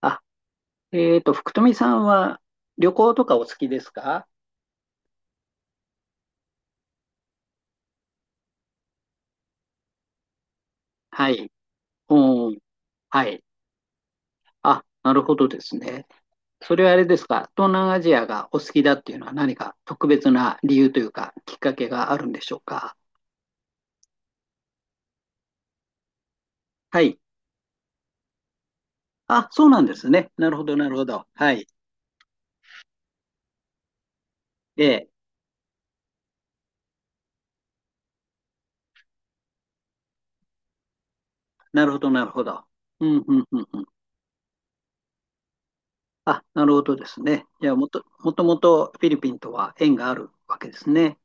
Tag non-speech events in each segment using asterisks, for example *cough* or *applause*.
あ、福富さんは旅行とかお好きですか？はい。うん。はい。あ、なるほどですね。それはあれですか、東南アジアがお好きだっていうのは何か特別な理由というか、きっかけがあるんでしょうか？はい。あ、そうなんですね。なるほど、なるほど。はい。ええ、なるほど、なるほど。うん、うん、うん、うん。あ、なるほどですね。いや、もともとフィリピンとは縁があるわけですね。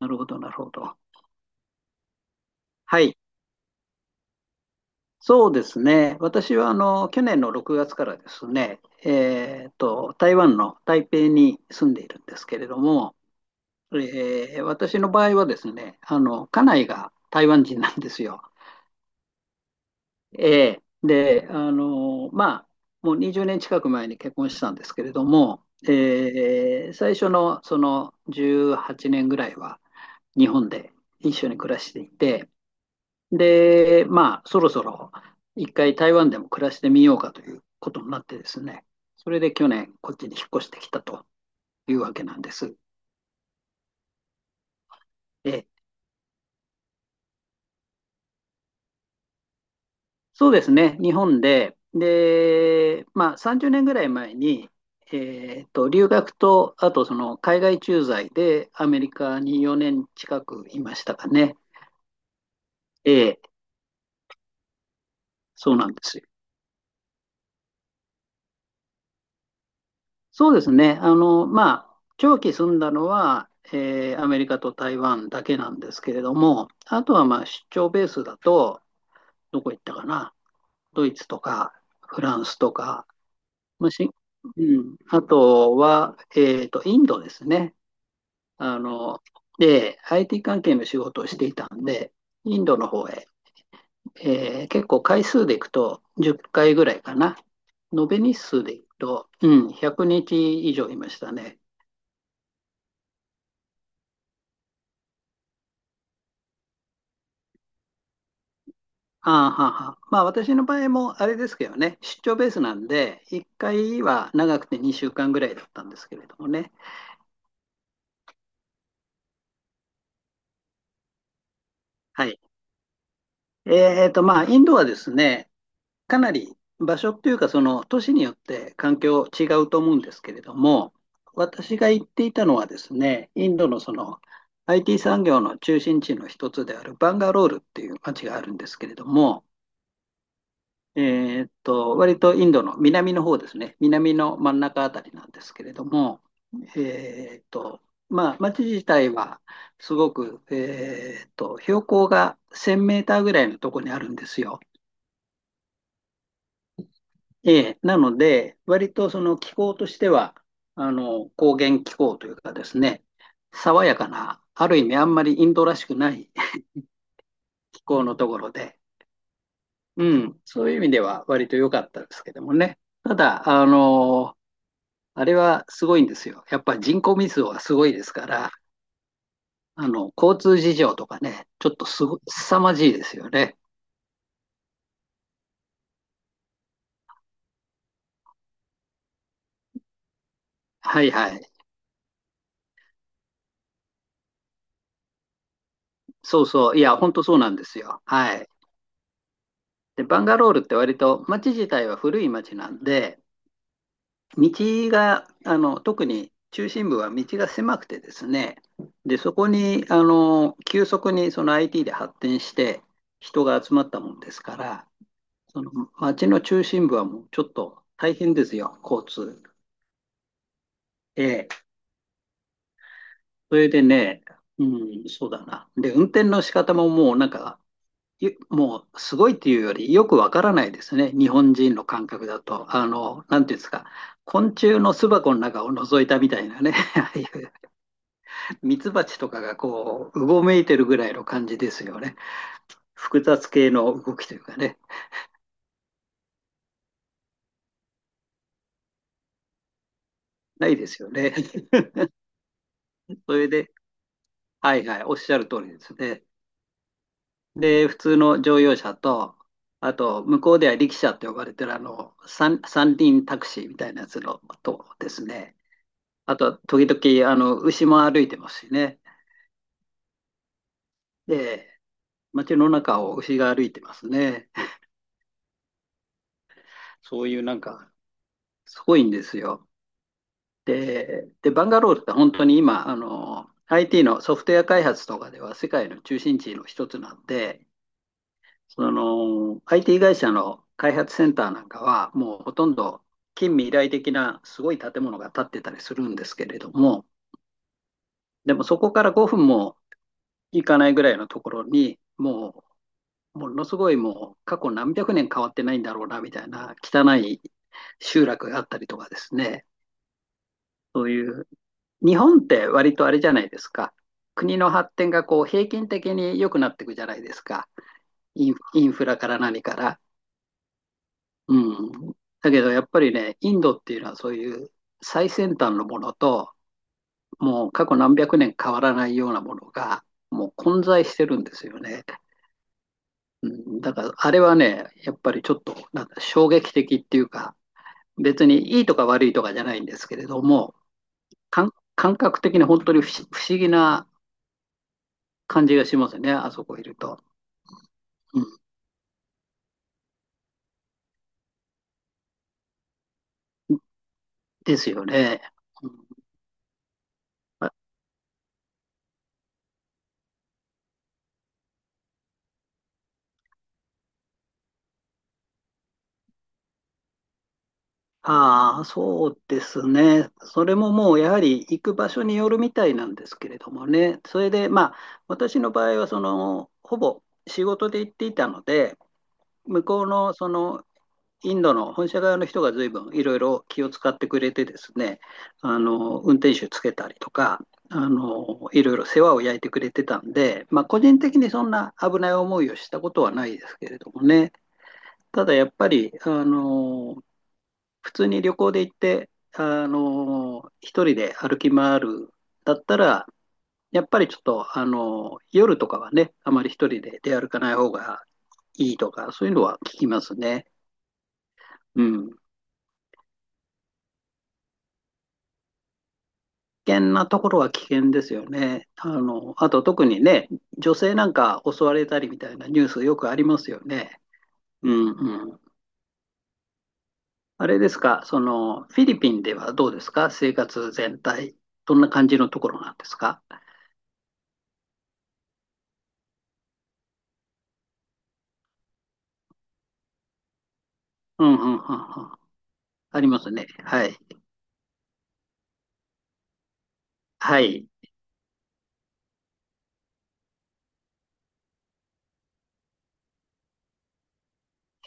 なるほど、なるほど。はい。そうですね。私はあの去年の6月からですね、台湾の台北に住んでいるんですけれども、えー私の場合はですね、あの家内が台湾人なんですよ。えーで、あのまあ、もう20年近く前に結婚したんですけれども、えー最初のその18年ぐらいは日本で一緒に暮らしていて、で、まあ、そろそろ一回台湾でも暮らしてみようかということになってですね、それで去年、こっちに引っ越してきたというわけなんです。で、そうですね、日本で、で、まあ、30年ぐらい前に、留学と、あとその海外駐在でアメリカに4年近くいましたかね。ええ、そうなんですよ。そうですね。あの、まあ、長期住んだのは、えーアメリカと台湾だけなんですけれども、あとはまあ出張ベースだと、どこ行ったかな、ドイツとかフランスとか、まあしうん、あとは、インドですね。あの、で、IT 関係の仕事をしていたんで、インドの方へ、えー結構回数でいくと10回ぐらいかな。延べ日数でいくと、うん、100日以上いましたね。ああ、はあはあ、まあ私の場合もあれですけどね、出張ベースなんで、1回は長くて2週間ぐらいだったんですけれどもね。はい。まあインドはですね、かなり場所っていうか、その都市によって環境違うと思うんですけれども、私が行っていたのはですね、インドのその IT 産業の中心地の一つであるバンガロールっていう街があるんですけれども、割とインドの南の方ですね、南の真ん中あたりなんですけれども、えーっと、まあ、町自体はすごく、標高が1000メーターぐらいのところにあるんですよ。ええ、なので、割とその気候としては、あの、高原気候というかですね、爽やかな、ある意味あんまりインドらしくない *laughs* 気候のところで、うん、そういう意味では割と良かったですけどもね。ただ、あの、あれはすごいんですよ。やっぱ人口密度がすごいですから、あの、交通事情とかね、ちょっとすご、凄まじいですよね。はいはい。そうそう。いや、本当そうなんですよ。はい。で、バンガロールって割と街自体は古い街なんで、道が、あの、特に中心部は道が狭くてですね、で、そこに、あの、急速にその IT で発展して人が集まったもんですから、その街の中心部はもうちょっと大変ですよ、交通。ええ、それでね、うん、そうだな。で、運転の仕方ももうなんか、もうすごいっていうよりよくわからないですね。日本人の感覚だと。あの、なんていうんですか。昆虫の巣箱の中を覗いたみたいなね。*laughs* ああいうミツバチとかがこう、うごめいてるぐらいの感じですよね。複雑系の動きというかね。ないですよね。*laughs* それで、はいはい、おっしゃる通りですね。で、普通の乗用車と、あと、向こうでは力車って呼ばれてるあの、三輪タクシーみたいなやつのとですね。あと、時々、あの、牛も歩いてますしね。で、街の中を牛が歩いてますね。そういうなんか、すごいんですよ。で、バンガロールって本当に今、あの、IT のソフトウェア開発とかでは世界の中心地の一つなんで、その IT 会社の開発センターなんかは、もうほとんど近未来的なすごい建物が建ってたりするんですけれども、でもそこから5分も行かないぐらいのところに、もうものすごい、もう過去何百年変わってないんだろうなみたいな汚い集落があったりとかですね、そういう、日本って割とあれじゃないですか。国の発展がこう平均的に良くなっていくじゃないですか。インフラから何から。うん。だけどやっぱりね、インドっていうのはそういう最先端のものと、もう過去何百年変わらないようなものが、もう混在してるんですよね。うん、だからあれはね、やっぱりちょっとなんか衝撃的っていうか、別にいいとか悪いとかじゃないんですけれども、感覚的に本当に不思議な感じがしますね、あそこいると。うん、ですよね。うん。ああ、そうですね。それももうやはり行く場所によるみたいなんですけれどもね。それでまあ、私の場合はその、ほぼ仕事で行っていたので、向こうのその、インドの本社側の人が随分いろいろ気を使ってくれてですね、あの、運転手つけたりとか、あの、いろいろ世話を焼いてくれてたんで、まあ、個人的にそんな危ない思いをしたことはないですけれどもね。ただやっぱり、あの普通に旅行で行って、あのー、一人で歩き回るだったら、やっぱりちょっと、あのー、夜とかはね、あまり一人で出歩かない方がいいとか、そういうのは聞きますね。うん。危険なところは危険ですよね。あの、あと特にね、女性なんか襲われたりみたいなニュースよくありますよね。うんうん。あれですか、その、フィリピンではどうですか、生活全体。どんな感じのところなんですか？うんうんうんうん。ありますね。はい。はい。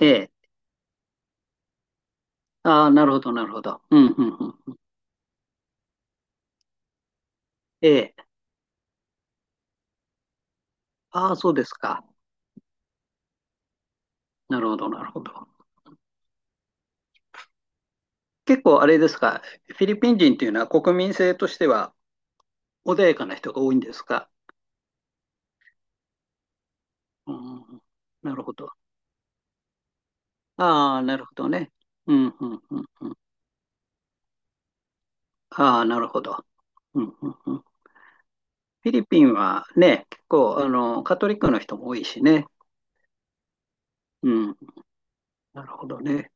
ええ。ああ、なるほど、なるほど。うん、うん、うん。ええ。ああ、そうですか。なるほど、なるほど。結構あれですか。フィリピン人っていうのは国民性としては穏やかな人が多いんですか？うん、なるほど。ああ、なるほどね。うん、うん、うん、うん。ああ、なるほど。うん、うん、うん。フィリピンはね、結構、あの、カトリックの人も多いしね。うん、なるほどね。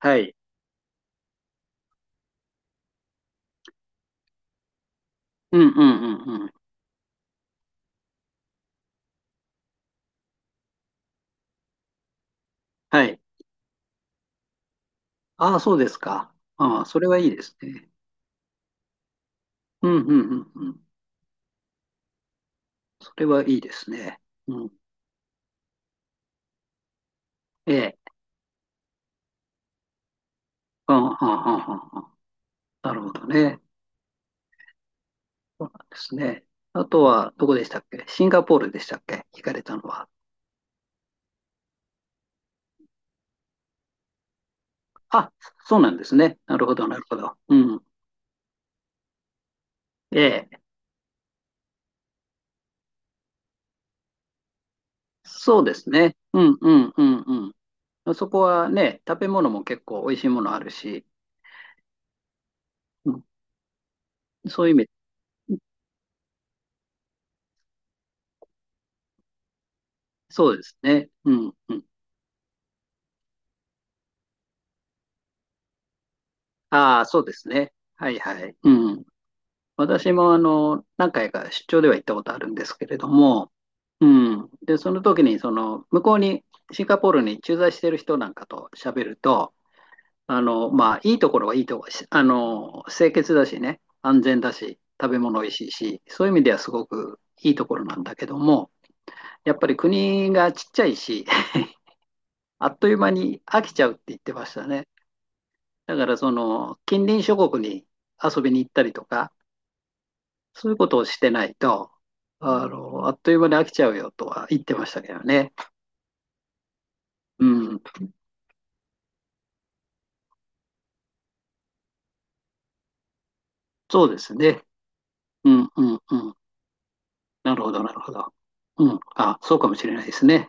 はい。うん、うん、うん、うん。はい。ああ、そうですか。ああ、それはいいですね。うん、うん、うん、うん。それはいいですね。うん。ええ。うん、うん、うん、うんうん。なるほどね。そうなんですね。あとは、どこでしたっけ、シンガポールでしたっけ、行かれたのは。あ、そうなんですね。なるほど、なるほど。うん。ええ。そうですね。うん、うん、うん、うん。そこはね、食べ物も結構美味しいものあるし、うん、そういう意味、そうですね。うん、うん。ああ、そうですね。はい、はい。うん。私もあの、何回か出張では行ったことあるんですけれども、うん。で、その時に、その、向こうに、シンガポールに駐在してる人なんかと喋ると、あの、まあ、いいところはいいところ、あの、清潔だしね、安全だし、食べ物おいしいし、そういう意味ではすごくいいところなんだけども、やっぱり国がちっちゃいし、*laughs* あっという間に飽きちゃうって言ってましたね。だから、その、近隣諸国に遊びに行ったりとか、そういうことをしてないと、あの、あっという間に飽きちゃうよとは言ってましたけどね。うん、そうですね。うん、うん、うん。なるほど、なるほど。うん、あ、そうかもしれないですね。